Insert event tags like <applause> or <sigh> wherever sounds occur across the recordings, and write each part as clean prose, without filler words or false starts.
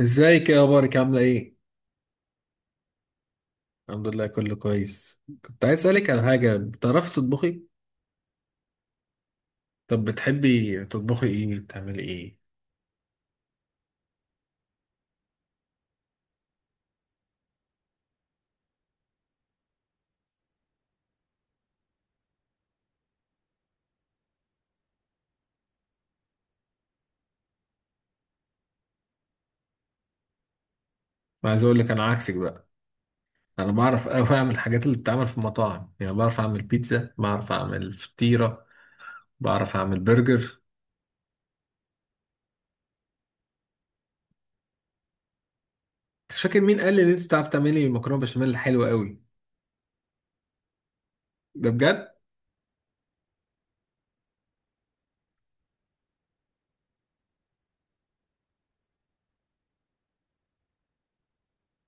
ازيك؟ يا اخبارك عامله ايه؟ الحمد لله كله كويس. كنت عايز اسالك على حاجه، بتعرفي تطبخي؟ طب بتحبي تطبخي ايه؟ بتعملي ايه؟ ما عايز اقول لك انا عكسك بقى. انا بعرف قوي اعمل الحاجات اللي بتتعمل في المطاعم، يعني بعرف اعمل بيتزا، بعرف اعمل فطيره، بعرف اعمل برجر. مش فاكر مين قال لي ان انت بتعرف تعملي مكرونه بشاميل حلوه قوي. ده بجد؟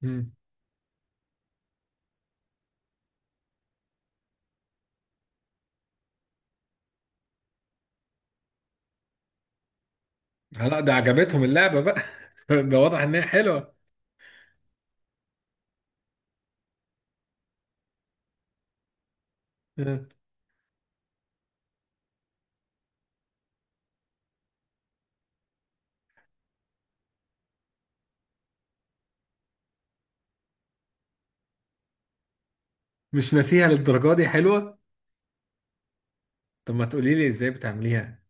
مم. لا ده عجبتهم اللعبه بقى. <laughs> ده واضح ان هي حلوه. مم. مش ناسيها للدرجه دي، حلوه. طب ما تقولي لي ازاي بتعمليها؟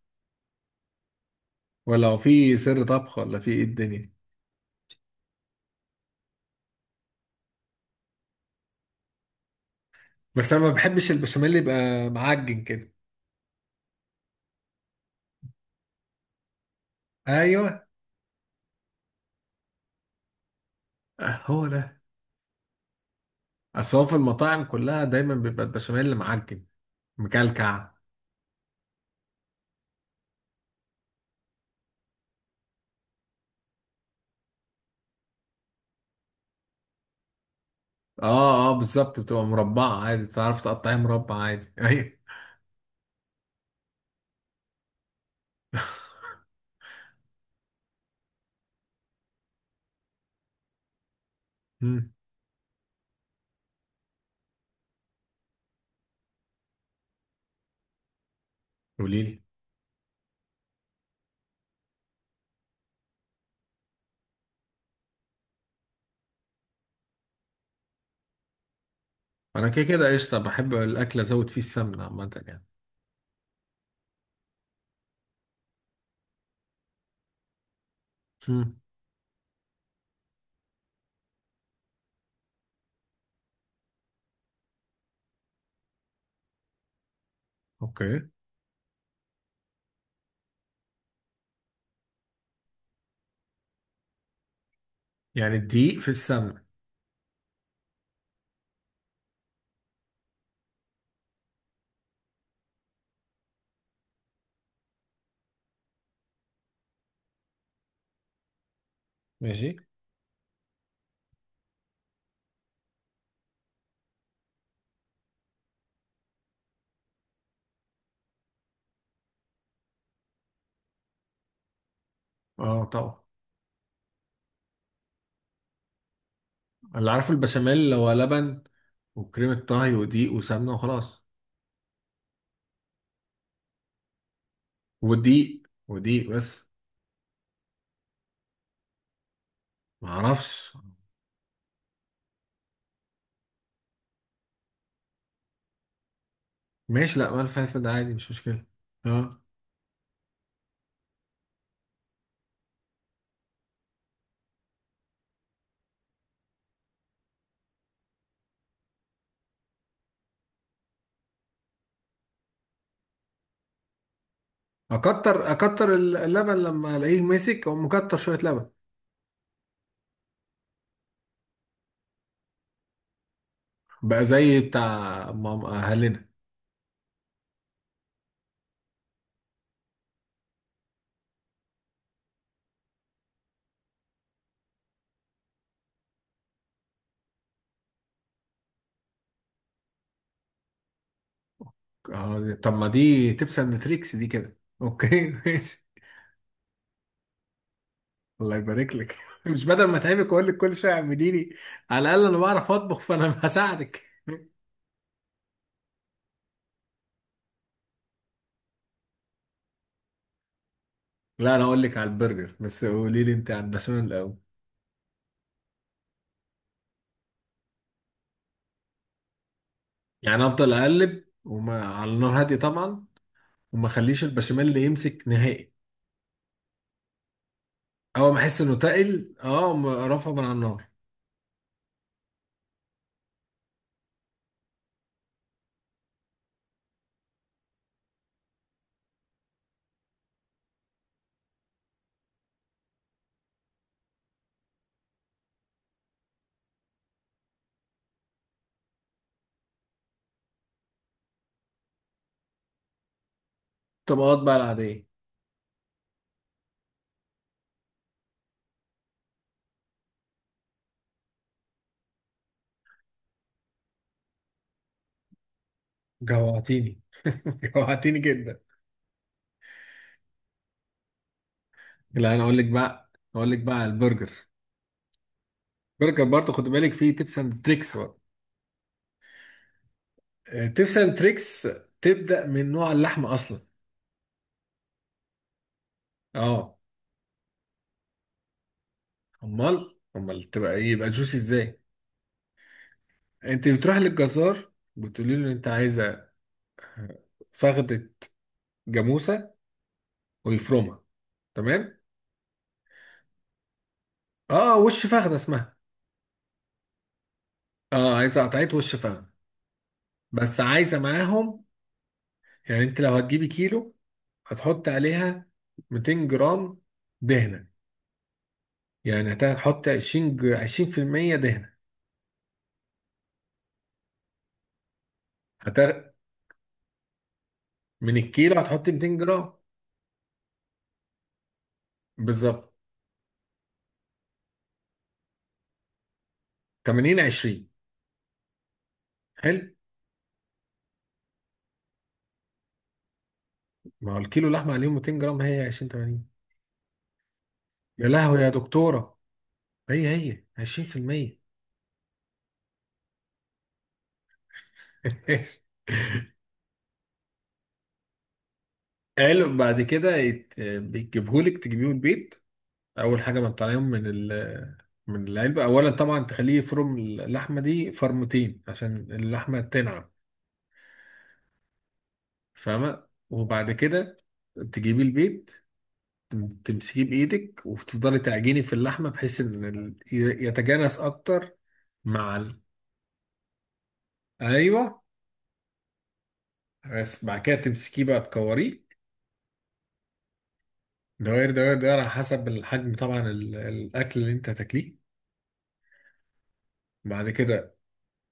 ولا هو في سر طبخ ولا في ايه الدنيا؟ بس انا ما بحبش البشاميل اللي يبقى معجن كده. ايوه. آه، هو ده. اصل هو في المطاعم كلها دايما بيبقى البشاميل معجن، مكلكع. اه بالظبط، بتبقى مربعة عادي، تعرف تقطعيها مربع عادي <laughs> ايوه. امم. قولي لي. انا كده كده قشطة، بحب الاكل، ازود فيه السمنة عامة يعني. امم. اوكي. يعني الدقيق في السمنة. ماشي. اه طبعا. اللي عارف البشاميل اللي هو لبن وكريمة طهي ودقيق وسمنة وخلاص. ودقيق بس. ما اعرفش. ماشي، لا مال فلفل ده عادي، مش مشكله. اه. اكتر اللبن، لما الاقيه ماسك او مكتر شويه لبن. بقى زي بتاع ماما اهلنا. اه طب ما دي تبس اند تريكس دي كده، اوكي <laughs> ماشي. الله يبارك لك <laughs> مش بدل ما اتعبك واقول لك كل شويه اعمليني، على الاقل انا بعرف اطبخ فانا <laughs> هساعدك. لا انا اقول لك على البرجر، بس قولي لي انت على البشاميل الاول. يعني افضل اقلب، وما على النار هاديه طبعا، وما اخليش البشاميل اللي يمسك نهائي. اول ما احس انه تقل، اه رفعه من على النار. الطبقات بقى العادية. جوعتيني. <laughs> جوعتيني جدا. لا انا اقول لك بقى، اقول لك بقى على البرجر. البرجر برضه خد بالك فيه تيبس اند تريكس بقى. تيبس اند تريكس. تبدا من نوع اللحمه اصلا. اه. امال تبقى ايه؟ يبقى جوسي ازاي؟ انت بتروح للجزار، بتقولي له انت عايزه فخده جاموسه ويفرمها. تمام. اه، وش فخده اسمها. اه، عايزه قطعيه وش فخده. بس عايزه معاهم، يعني انت لو هتجيبي كيلو هتحط عليها 200 جرام دهنه. يعني هتحط 20% دهنه. هت... من الكيلو هتحط 200 جرام. بالظبط. 80 20. حلو. ما هو الكيلو لحمه عليهم 200 جرام، هي 20 80. يا لهوي يا دكتوره. هي 20%. قالوا <laughs> بعد كده بيجيبهولك تجيبيه من البيت. اول حاجه ما تطلعيهم من من العلبه. اولا طبعا تخليه يفرم اللحمه دي فرمتين عشان اللحمه تنعم. فاهمه؟ وبعد كده تجيبي البيض، تمسكيه بايدك وتفضلي تعجني في اللحمه، بحيث ان يتجانس اكتر مع ايوه. بس بعد كده تمسكيه بقى، تكوريه دوائر دوائر دوائر على حسب الحجم، طبعا الاكل اللي انت هتاكليه. بعد كده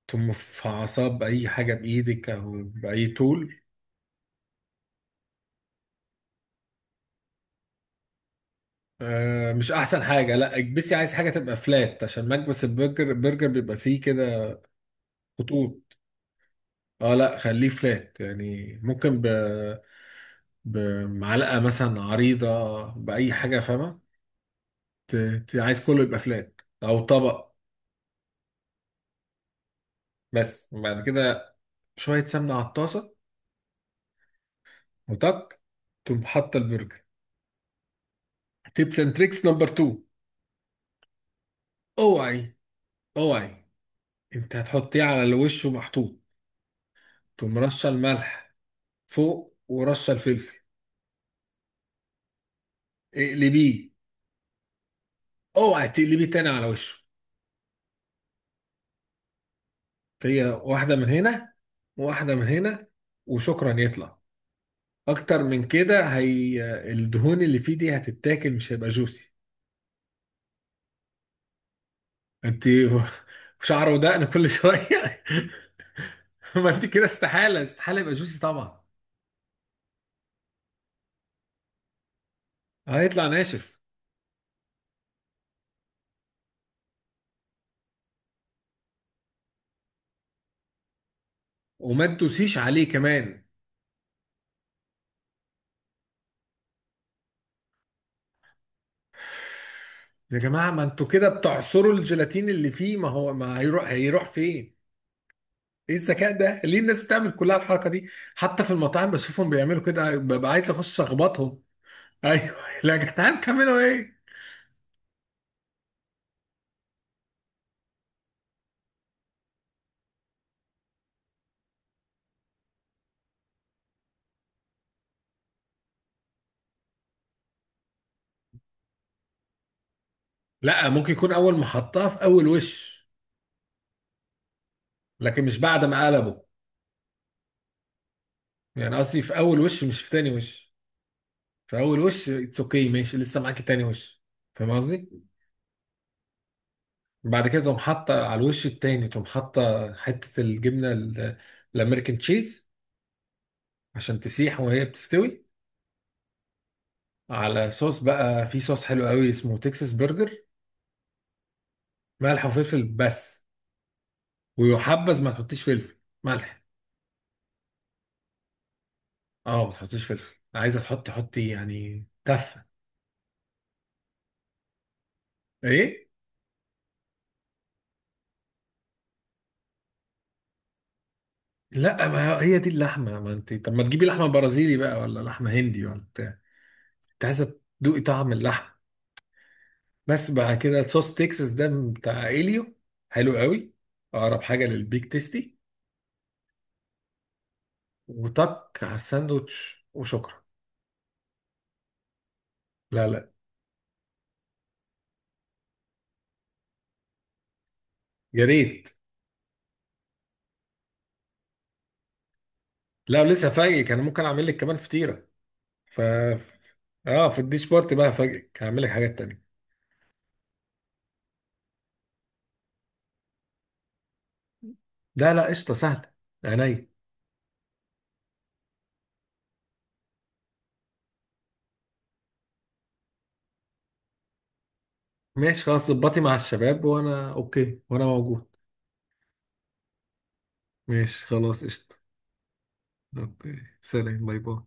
تقوم في عصاب اي حاجه بايدك او باي طول. آه مش احسن حاجه، لا اكبسي، عايز حاجه تبقى فلات، عشان مكبس البرجر، البرجر بيبقى فيه كده خطوط. اه لا خليه فلات، يعني ممكن بمعلقه مثلا عريضه، باي حاجه، فاهمه؟ عايز كله يبقى فلات او طبق. بس. وبعد كده شويه سمنه على الطاسه، وتك، تقوم حاطه البرجر. تيبس اند تريكس نمبر 2. اوعي، اوعي، انت هتحطيه على الوش ومحطوط، تقوم رشه الملح فوق ورشه الفلفل، اقلبيه. اوعى تقلبي تاني على وشه. هي واحدة من هنا وواحدة من هنا، وشكرا يطلع. اكتر من كده هي الدهون اللي فيه دي هتتاكل، مش هيبقى جوسي. انت <laughs> شعر ودقن كل شوية. <laughs> ما انت كده استحالة استحالة يبقى جوسي طبعا. هيطلع ناشف. وما تدوسيش عليه كمان. يا جماعة ما انتوا كده بتعصروا الجيلاتين اللي فيه، ما هو ما هيروح، هيروح فين؟ ايه الذكاء ده؟ ليه الناس بتعمل كلها الحركة دي؟ حتى في المطاعم بشوفهم بيعملوا كده، ببقى عايز اخش اخبطهم. ايوه. لا يا جدعان، تعملوا ايه. لا ممكن يكون اول محطة في اول وش، لكن مش بعد ما قلبه، يعني قصدي في اول وش مش في تاني وش. في اول وش اتس اوكي، ماشي، لسه معاكي تاني وش. فاهم قصدي؟ بعد كده تقوم حاطة على الوش التاني، تقوم حاطة حتة الجبنة الامريكان تشيز، عشان تسيح وهي بتستوي. على صوص بقى، في صوص حلو قوي اسمه تكساس برجر. ملح وفلفل بس. ويحبذ ما تحطيش فلفل، ملح. اه ما تحطيش فلفل، عايزه تحطي حطي يعني تفه. ايه. لا ما هي دي اللحمه، ما انت طب ما تجيبي لحمه برازيلي بقى ولا لحمه هندي ولا بتاع. انت عايزه تدوقي طعم اللحمه. بس بعد كده الصوص تكساس ده بتاع اليو، حلو قوي، اقرب حاجه للبيك تيستي. وطك على الساندوتش وشكرا. لا. يا ريت. لا لسه فاجئك، انا ممكن اعمل لك كمان فطيره. ف اه، في الديش بارت بقى فاجئك هعمل لك حاجات تانية. لا قشطه سهله. عينيا. ماشي خلاص، ظبطي مع الشباب وانا اوكي وانا موجود. ماشي خلاص قشطه. اوكي. سلام، باي باي.